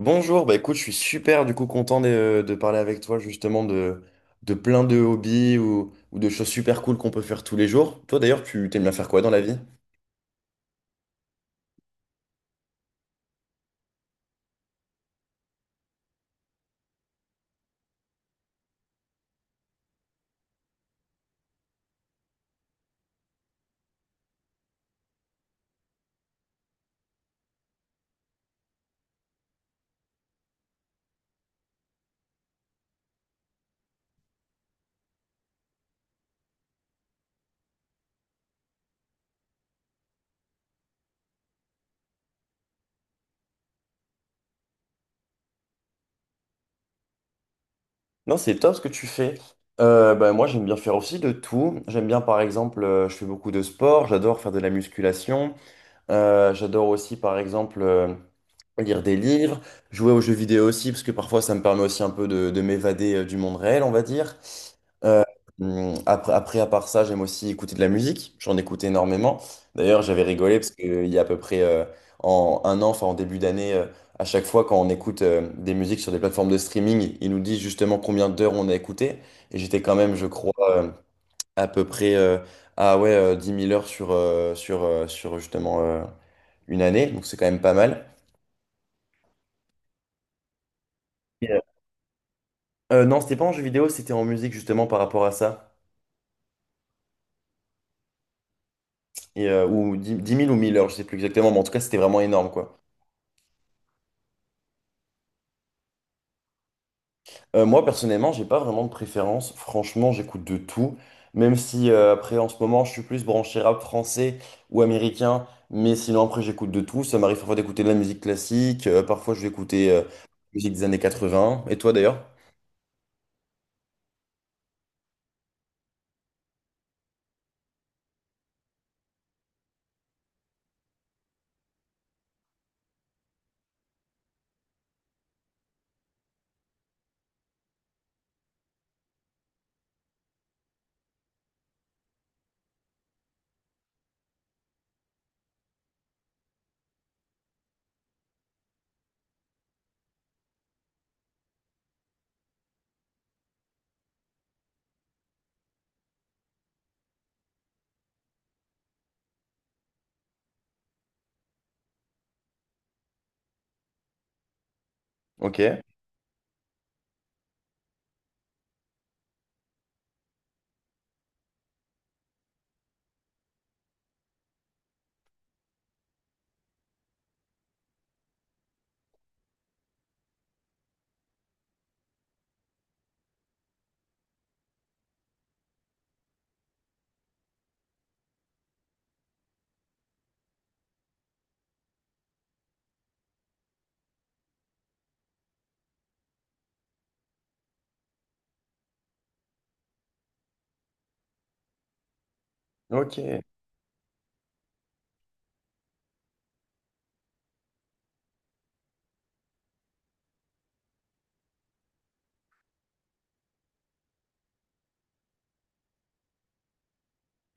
Bonjour, bah écoute, je suis super du coup content de parler avec toi justement de plein de hobbies ou de choses super cool qu'on peut faire tous les jours. Toi d'ailleurs, tu t'aimes bien faire quoi dans la vie? Non, c'est top ce que tu fais. Bah, moi, j'aime bien faire aussi de tout. J'aime bien, par exemple, je fais beaucoup de sport, j'adore faire de la musculation. J'adore aussi, par exemple, lire des livres, jouer aux jeux vidéo aussi, parce que parfois ça me permet aussi un peu de m'évader du monde réel, on va dire. Euh, après, à part ça, j'aime aussi écouter de la musique. J'en écoute énormément. D'ailleurs, j'avais rigolé parce qu'il y a à peu près en un an, enfin en début d'année, à chaque fois quand on écoute des musiques sur des plateformes de streaming, ils nous disent justement combien d'heures on a écouté. Et j'étais quand même, je crois, euh, à peu près à ouais, 10 000 heures sur justement une année, donc c'est quand même pas mal. Et, non, c'était pas en jeu vidéo, c'était en musique justement par rapport à ça. Et, ou 10 10 000 ou 1 000 heures, je sais plus exactement, mais en tout cas, c'était vraiment énorme quoi. Moi, personnellement, j'ai pas vraiment de préférence. Franchement, j'écoute de tout. Même si après, en ce moment, je suis plus branché rap français ou américain. Mais sinon, après, j'écoute de tout. Ça m'arrive parfois d'écouter de la musique classique. Parfois, je vais écouter musique des années 80. Et toi d'ailleurs? Ok, ok,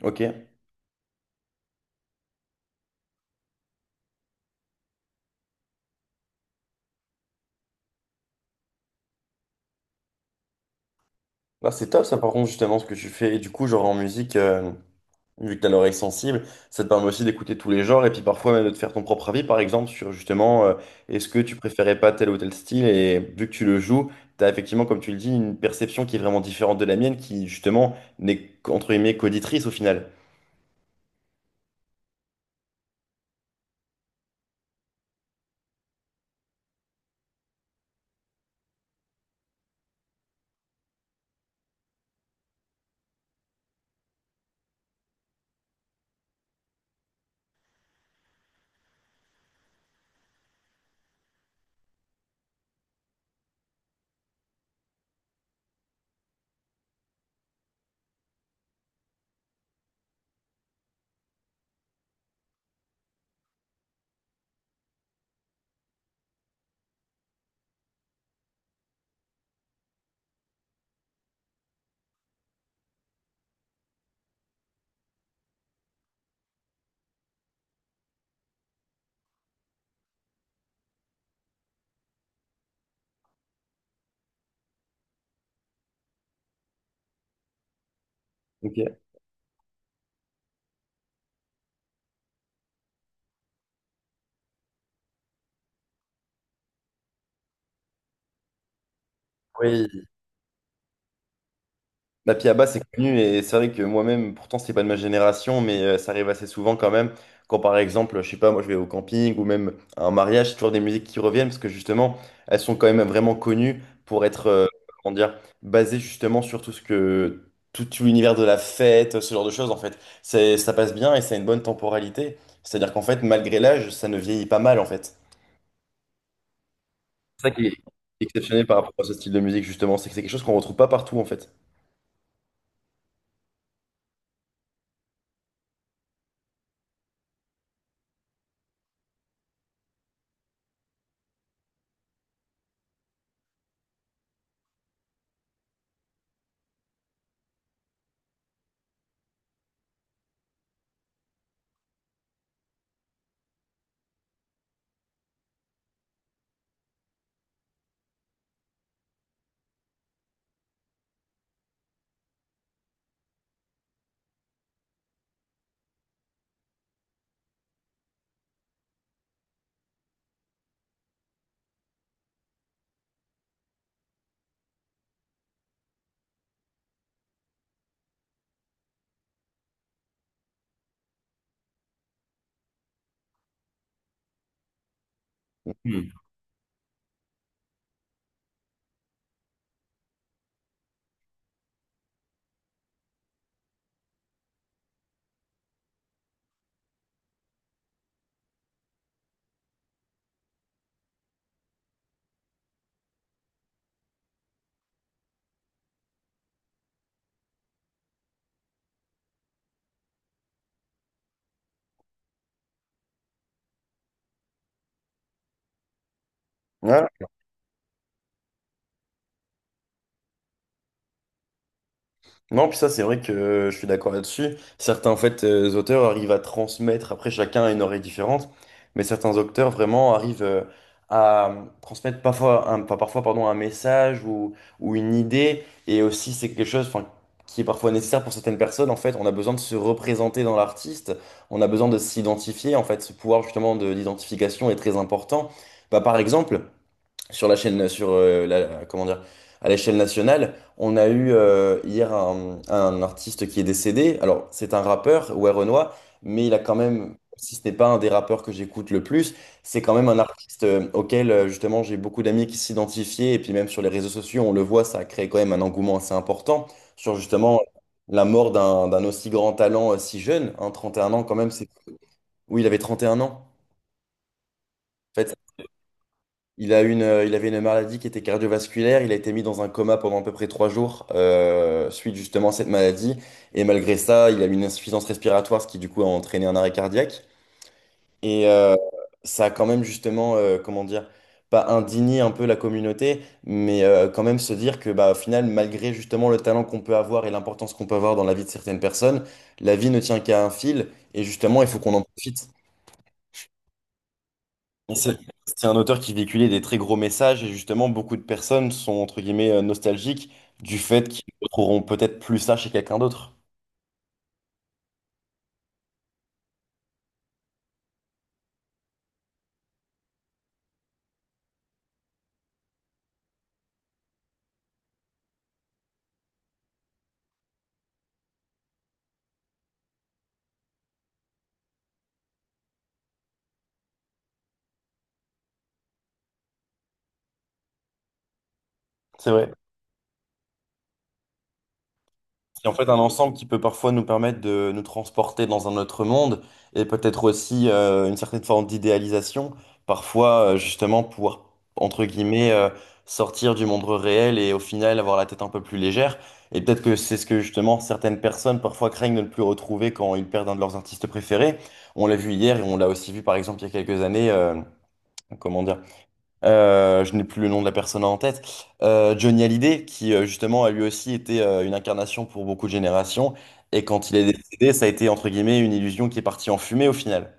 ok. Bah, c'est top ça, par contre, justement, ce que tu fais. Et du coup, genre en musique, vu que tu as l'oreille sensible, ça te permet aussi d'écouter tous les genres et puis parfois même de te faire ton propre avis, par exemple, sur justement, est-ce que tu préférais pas tel ou tel style? Et vu que tu le joues, tu as effectivement, comme tu le dis, une perception qui est vraiment différente de la mienne, qui justement n'est, qu'entre guillemets, qu'auditrice au final. Ok. Oui, La Piaba, c'est connu et c'est vrai que moi-même, pourtant, c'est pas de ma génération, mais ça arrive assez souvent quand même. Quand par exemple, je sais pas, moi je vais au camping ou même à un mariage, c'est toujours des musiques qui reviennent parce que justement, elles sont quand même vraiment connues pour être, comment dire, basées justement sur tout l'univers de la fête, ce genre de choses en fait. C'est, ça passe bien et ça a une bonne temporalité. C'est-à-dire qu'en fait, malgré l'âge, ça ne vieillit pas mal en fait. C'est ça qui est exceptionnel par rapport à ce style de musique justement, c'est que c'est quelque chose qu'on retrouve pas partout en fait. Hmm. Ouais. Non, puis ça, c'est vrai que je suis d'accord là-dessus. Certains, en fait, auteurs arrivent à transmettre, après chacun a une oreille différente, mais certains auteurs vraiment arrivent à transmettre parfois, un, enfin, parfois pardon, un message ou une idée, et aussi c'est quelque chose enfin, qui est parfois nécessaire pour certaines personnes. En fait, on a besoin de se représenter dans l'artiste, on a besoin de s'identifier, en fait, ce pouvoir justement de l'identification est très important. Bah, par exemple, sur la chaîne, sur la, comment dire, à l'échelle nationale, on a eu hier un artiste qui est décédé. Alors, c'est un rappeur, ouais, Renoir, mais il a quand même, si ce n'est pas un des rappeurs que j'écoute le plus, c'est quand même un artiste auquel, justement, j'ai beaucoup d'amis qui s'identifiaient. Et puis, même sur les réseaux sociaux, on le voit, ça a créé quand même un engouement assez important sur justement la mort d'un aussi grand talent si jeune, hein, 31 ans quand même, c'est. Oui, il avait 31 ans. En fait, il avait une maladie qui était cardiovasculaire. Il a été mis dans un coma pendant à peu près 3 jours suite justement à cette maladie. Et malgré ça, il a eu une insuffisance respiratoire, ce qui du coup a entraîné un arrêt cardiaque. Et ça a quand même justement, comment dire, pas indigné un peu la communauté, mais quand même se dire que bah, au final, malgré justement le talent qu'on peut avoir et l'importance qu'on peut avoir dans la vie de certaines personnes, la vie ne tient qu'à un fil. Et justement, il faut qu'on en profite. Et c'est un auteur qui véhiculait des très gros messages et justement beaucoup de personnes sont entre guillemets nostalgiques du fait qu'ils ne retrouveront peut-être plus ça chez quelqu'un d'autre. C'est vrai. Qui est en fait un ensemble qui peut parfois nous permettre de nous transporter dans un autre monde et peut-être aussi une certaine forme d'idéalisation, parfois justement pouvoir, entre guillemets, sortir du monde réel et au final avoir la tête un peu plus légère. Et peut-être que c'est ce que justement certaines personnes parfois craignent de ne plus retrouver quand ils perdent un de leurs artistes préférés. On l'a vu hier et on l'a aussi vu par exemple il y a quelques années, comment dire. Je n'ai plus le nom de la personne en tête. Johnny Hallyday, qui justement a lui aussi été une incarnation pour beaucoup de générations. Et quand il est décédé, ça a été entre guillemets une illusion qui est partie en fumée au final.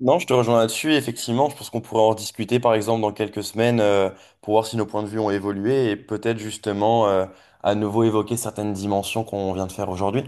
Non, je te rejoins là-dessus. Effectivement, je pense qu'on pourrait en discuter par exemple dans quelques semaines pour voir si nos points de vue ont évolué et peut-être justement à nouveau évoquer certaines dimensions qu'on vient de faire aujourd'hui.